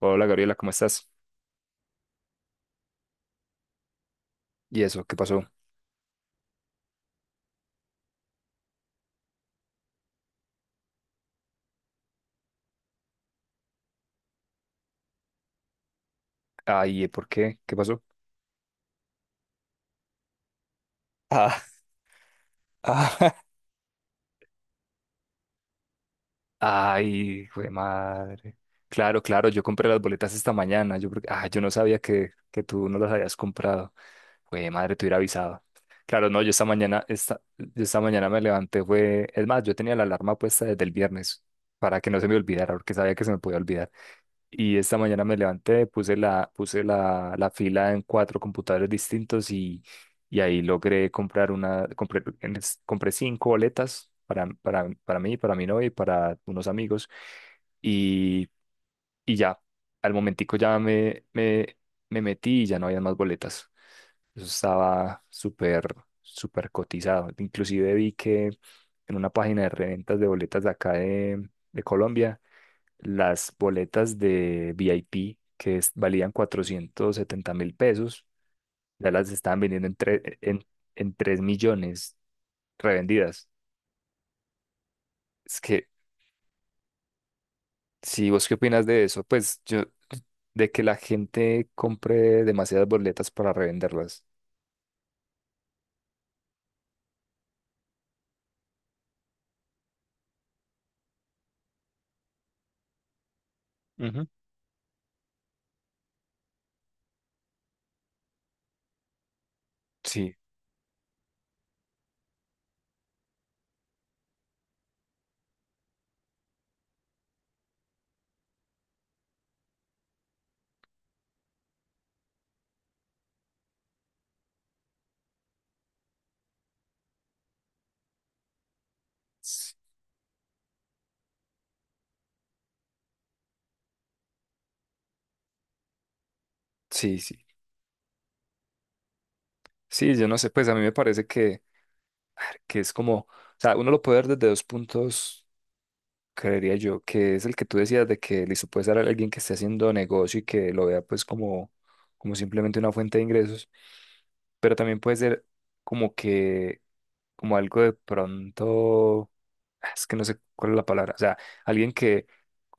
Hola Gabriela, ¿cómo estás? ¿Y eso? ¿Qué pasó? Ay, ¿por qué? ¿Qué pasó? Ah, ah, ay, hijo de madre. Claro, claro, yo compré las boletas esta mañana. Yo no sabía que tú no las habías comprado. Güey, madre, te hubiera avisado. Claro, no, yo esta mañana me levanté, fue, es más, yo tenía la alarma puesta desde el viernes para que no se me olvidara, porque sabía que se me podía olvidar. Y esta mañana me levanté, puse la fila en cuatro computadores distintos y ahí logré comprar una, compré 5 boletas para, para mí, para mi novia y para unos amigos. Y, y ya, al momentico me metí y ya no había más boletas. Eso estaba súper, súper cotizado. Inclusive vi que en una página de reventas de boletas de acá de Colombia las boletas de VIP valían 470.000 pesos, ya las estaban vendiendo en 3 millones revendidas. Es que, si vos qué opinas de eso, pues yo, de que la gente compre demasiadas boletas para revenderlas. Ujú. Sí, s- sí, sí. Sí, yo no sé, pues a mí me parece ah, que es como, o sea, uno lo puede ver desde dos puntos creería yo, que es el que tú decías de que listo, puede ser alguien que esté haciendo negocio y que lo vea pues como, como simplemente una fuente de ingresos, pero también puede ser como que, como algo de pronto, es que no sé cuál es la palabra, o sea, alguien que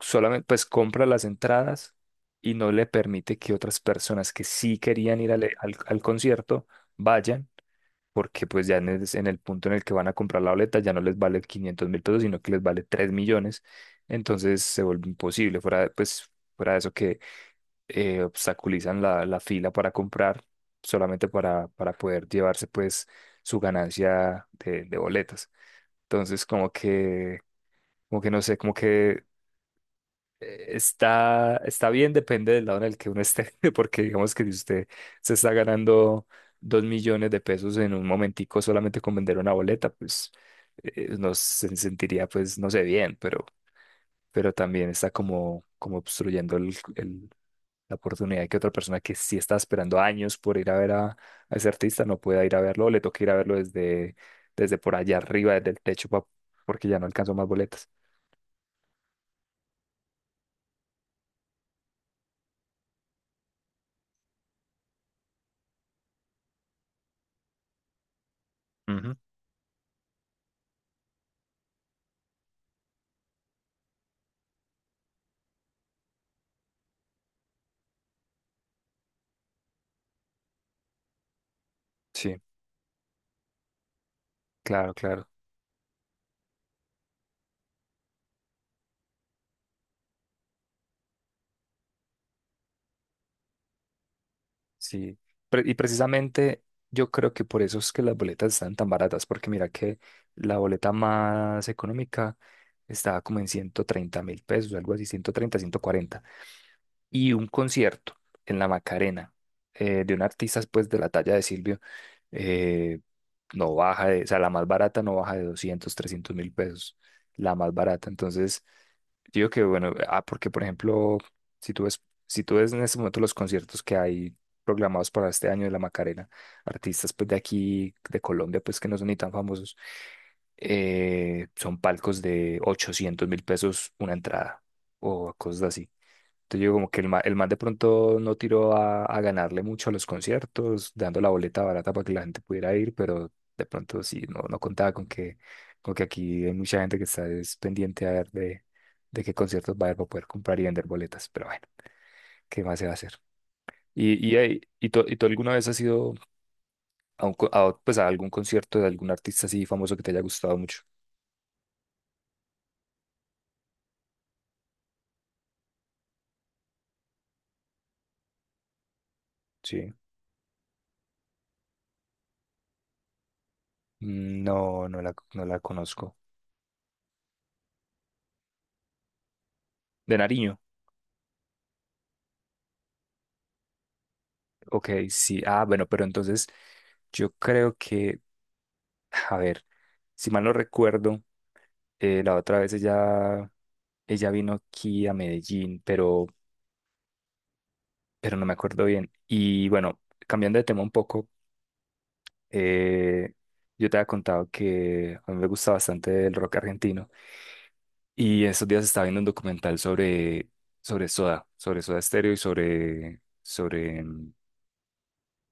solamente pues compra las entradas y no le permite que otras personas que sí querían ir al concierto vayan porque pues ya en el punto en el que van a comprar la boleta ya no les vale 500 mil pesos, sino que les vale 3 millones, entonces se vuelve imposible, pues, fuera de eso que obstaculizan la fila para comprar solamente para poder llevarse pues su ganancia de boletas. Entonces como que no sé, como que está bien, depende del lado en el que uno esté, porque digamos que si usted se está ganando 2 millones de pesos en un momentico solamente con vender una boleta, pues no se sentiría, pues, no sé, bien, pero también está como, como obstruyendo el, la oportunidad que otra persona que sí está esperando años por ir a ver a ese artista no pueda ir a verlo, o le toca ir a verlo desde, desde por allá arriba, desde el techo, porque ya no alcanzó más boletas. Ujú. Sí, claro, claro. Sí, y precisamente yo creo que por eso es que las boletas están tan baratas, porque mira que la boleta más económica estaba como en 130.000 pesos, algo así, 130, 140 y un concierto en la Macarena de un artista pues de la talla de Silvio eh, no baja de, o sea, la más barata no baja de 200 300 mil pesos, la más barata. Entonces, digo que bueno, porque por ejemplo, si tú ves, si tú ves en este momento los conciertos que hay programados para este año de la Macarena, artistas pues de aquí, de Colombia, pues que no son ni tan famosos, son palcos de 800.000 pesos una entrada o cosas así. Entonces yo digo como que el man de pronto no tiró a ganarle mucho a los conciertos, dando la boleta barata para que la gente pudiera ir, pero de pronto sí, no contaba con que aquí hay mucha gente que está es pendiente a ver de qué conciertos va a haber para poder comprar y vender boletas, pero bueno, ¿qué más se va a hacer? ¿Y tú alguna vez has ido a, un co- a, pues a algún concierto de algún artista así famoso que te haya gustado mucho? Sí. Mm, no, no la conozco. De Nariño. Ok, sí. Ah, bueno, pero entonces yo creo que, a ver, si mal no recuerdo, la otra vez ella vino aquí a Medellín, pero no me acuerdo bien. Y bueno, cambiando de tema un poco, eh, yo te había contado que a mí me gusta bastante el rock argentino. Y estos días estaba viendo un documental sobre Soda Stereo y sobre, sobre, mm,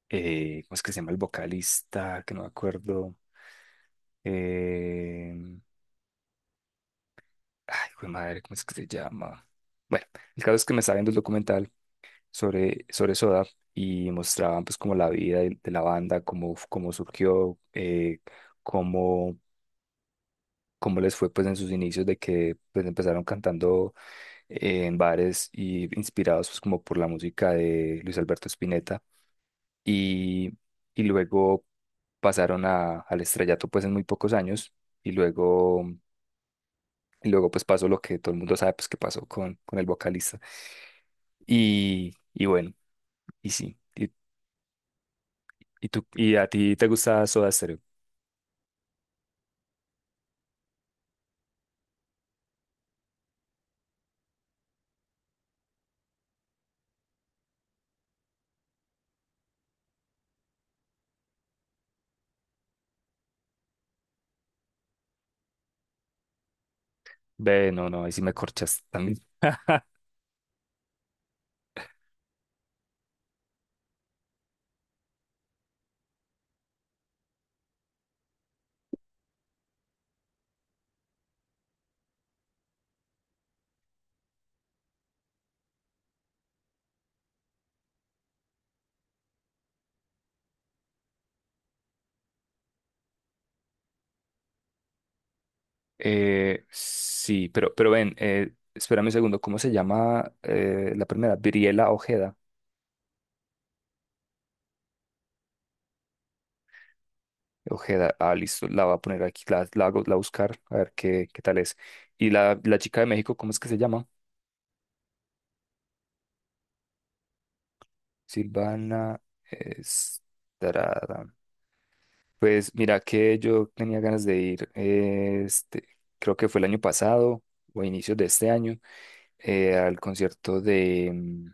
eh, ¿cómo es que se llama el vocalista? Que no me acuerdo. Eh, ay, hijo de madre, ¿cómo es que se llama? Bueno, el caso es que me estaba viendo el documental sobre Soda y mostraban pues como la vida de la banda, cómo surgió, cómo, cómo les fue pues en sus inicios de que pues empezaron cantando en bares y inspirados pues como por la música de Luis Alberto Spinetta y, y luego pasaron al estrellato pues en muy pocos años y luego pues pasó lo que todo el mundo sabe, pues que pasó con el vocalista. Y bueno, y sí. ¿Y a ti te gusta Soda Stereo? Ve, no, ahí sí me corchas también. Sí, pero ven, espérame un segundo, ¿cómo se llama la primera? Briela Ojeda. Ojeda, listo, la voy a poner aquí, la voy a buscar, a ver qué tal es. Y la chica de México, ¿cómo es que se llama? Silvana Estrada. Pues mira que yo tenía ganas de ir, creo que fue el año pasado o inicios de este año, al concierto de...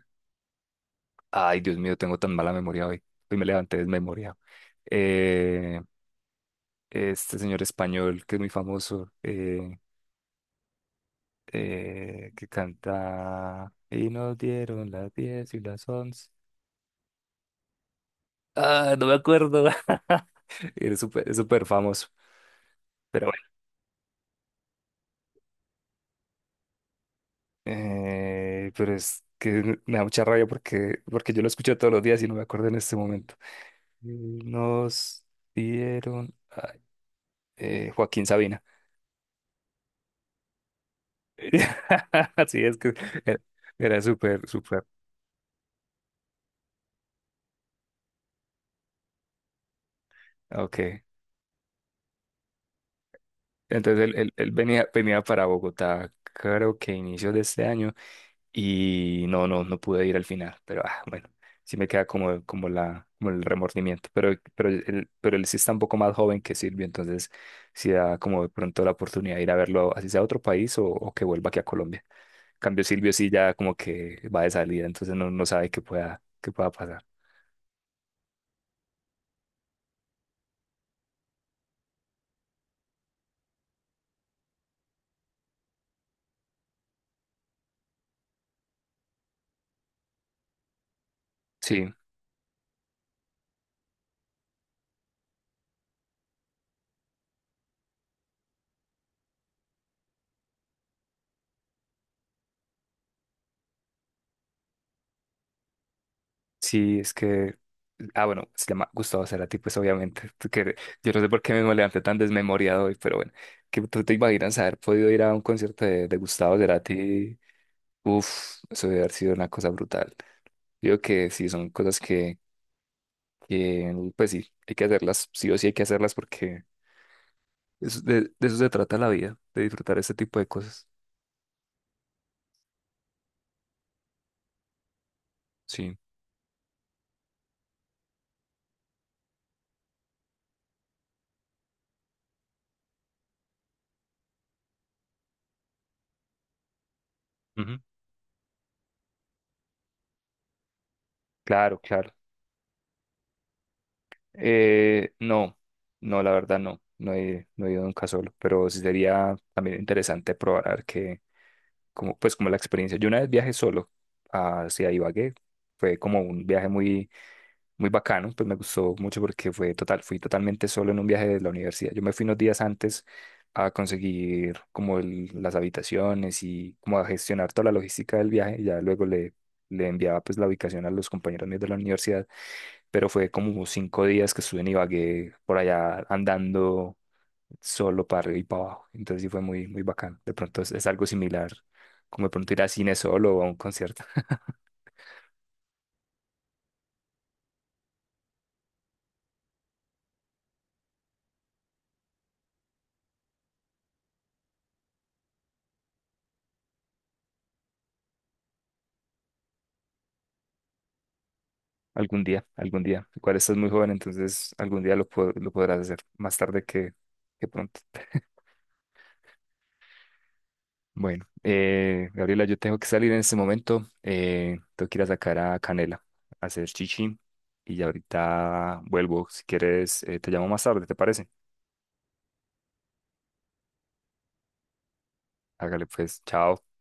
ay, Dios mío, tengo tan mala memoria hoy. Hoy me levanté desmemoriado. Eh, este señor español que es muy famoso, que canta... Y nos dieron las 10 y las 11. Ah, no me acuerdo. Es súper famoso. Pero pero es que me da mucha rabia porque yo lo escucho todos los días y no me acuerdo en este momento. Eh, Nos dieron ay, Joaquín Sabina. Así es que era, era súper, súper. Ok. Entonces él venía para Bogotá, creo que inicios de este año. Y no pude ir al final, pero bueno, sí me queda como el remordimiento, pero él sí está un poco más joven que Silvio, entonces sí da como de pronto la oportunidad de ir a verlo, así sea a otro país o que vuelva aquí a Colombia. En cambio, Silvio sí ya como que va de salida, entonces no, no sabe qué pueda pasar. Sí, sí, es que, bueno, se llama Gustavo Cerati, pues obviamente, tú que, yo no sé por qué me levanté tan desmemoriado hoy, pero bueno, que tú te imaginas haber podido ir a un concierto de Gustavo Cerati. Uf, eso debe haber sido una cosa brutal. Digo que sí, son cosas que, pues sí, hay que hacerlas, sí o sí hay que hacerlas porque de eso se trata la vida, de disfrutar este tipo de cosas. Sí, ujú, claro, claro. No, no, la verdad no, no he ido nunca solo, pero sí sería también interesante probar a ver qué, como, pues como la experiencia. Yo una vez viajé solo hacia Ibagué, fue como un viaje muy muy bacano, pues me gustó mucho porque fue total, fui totalmente solo en un viaje de la universidad. Yo me fui unos días antes a conseguir como el- las habitaciones y como a gestionar toda la logística del viaje, y ya luego le enviaba pues la ubicación a los compañeros míos de la universidad, pero fue como 5 días que estuve en Ibagué por allá andando solo para arriba y para abajo, entonces sí fue muy, muy bacano. De pronto es algo similar, como de pronto ir a cine solo o a un concierto. Algún día, algún día. Igual estás muy joven, entonces algún día lo podrás hacer, más tarde que pronto. Bueno, Gabriela, yo tengo que salir en este momento. Tengo que ir a sacar a Canela, a hacer chichi. Y ya ahorita vuelvo. Si quieres, te llamo más tarde, ¿te parece? Hágale pues, chao.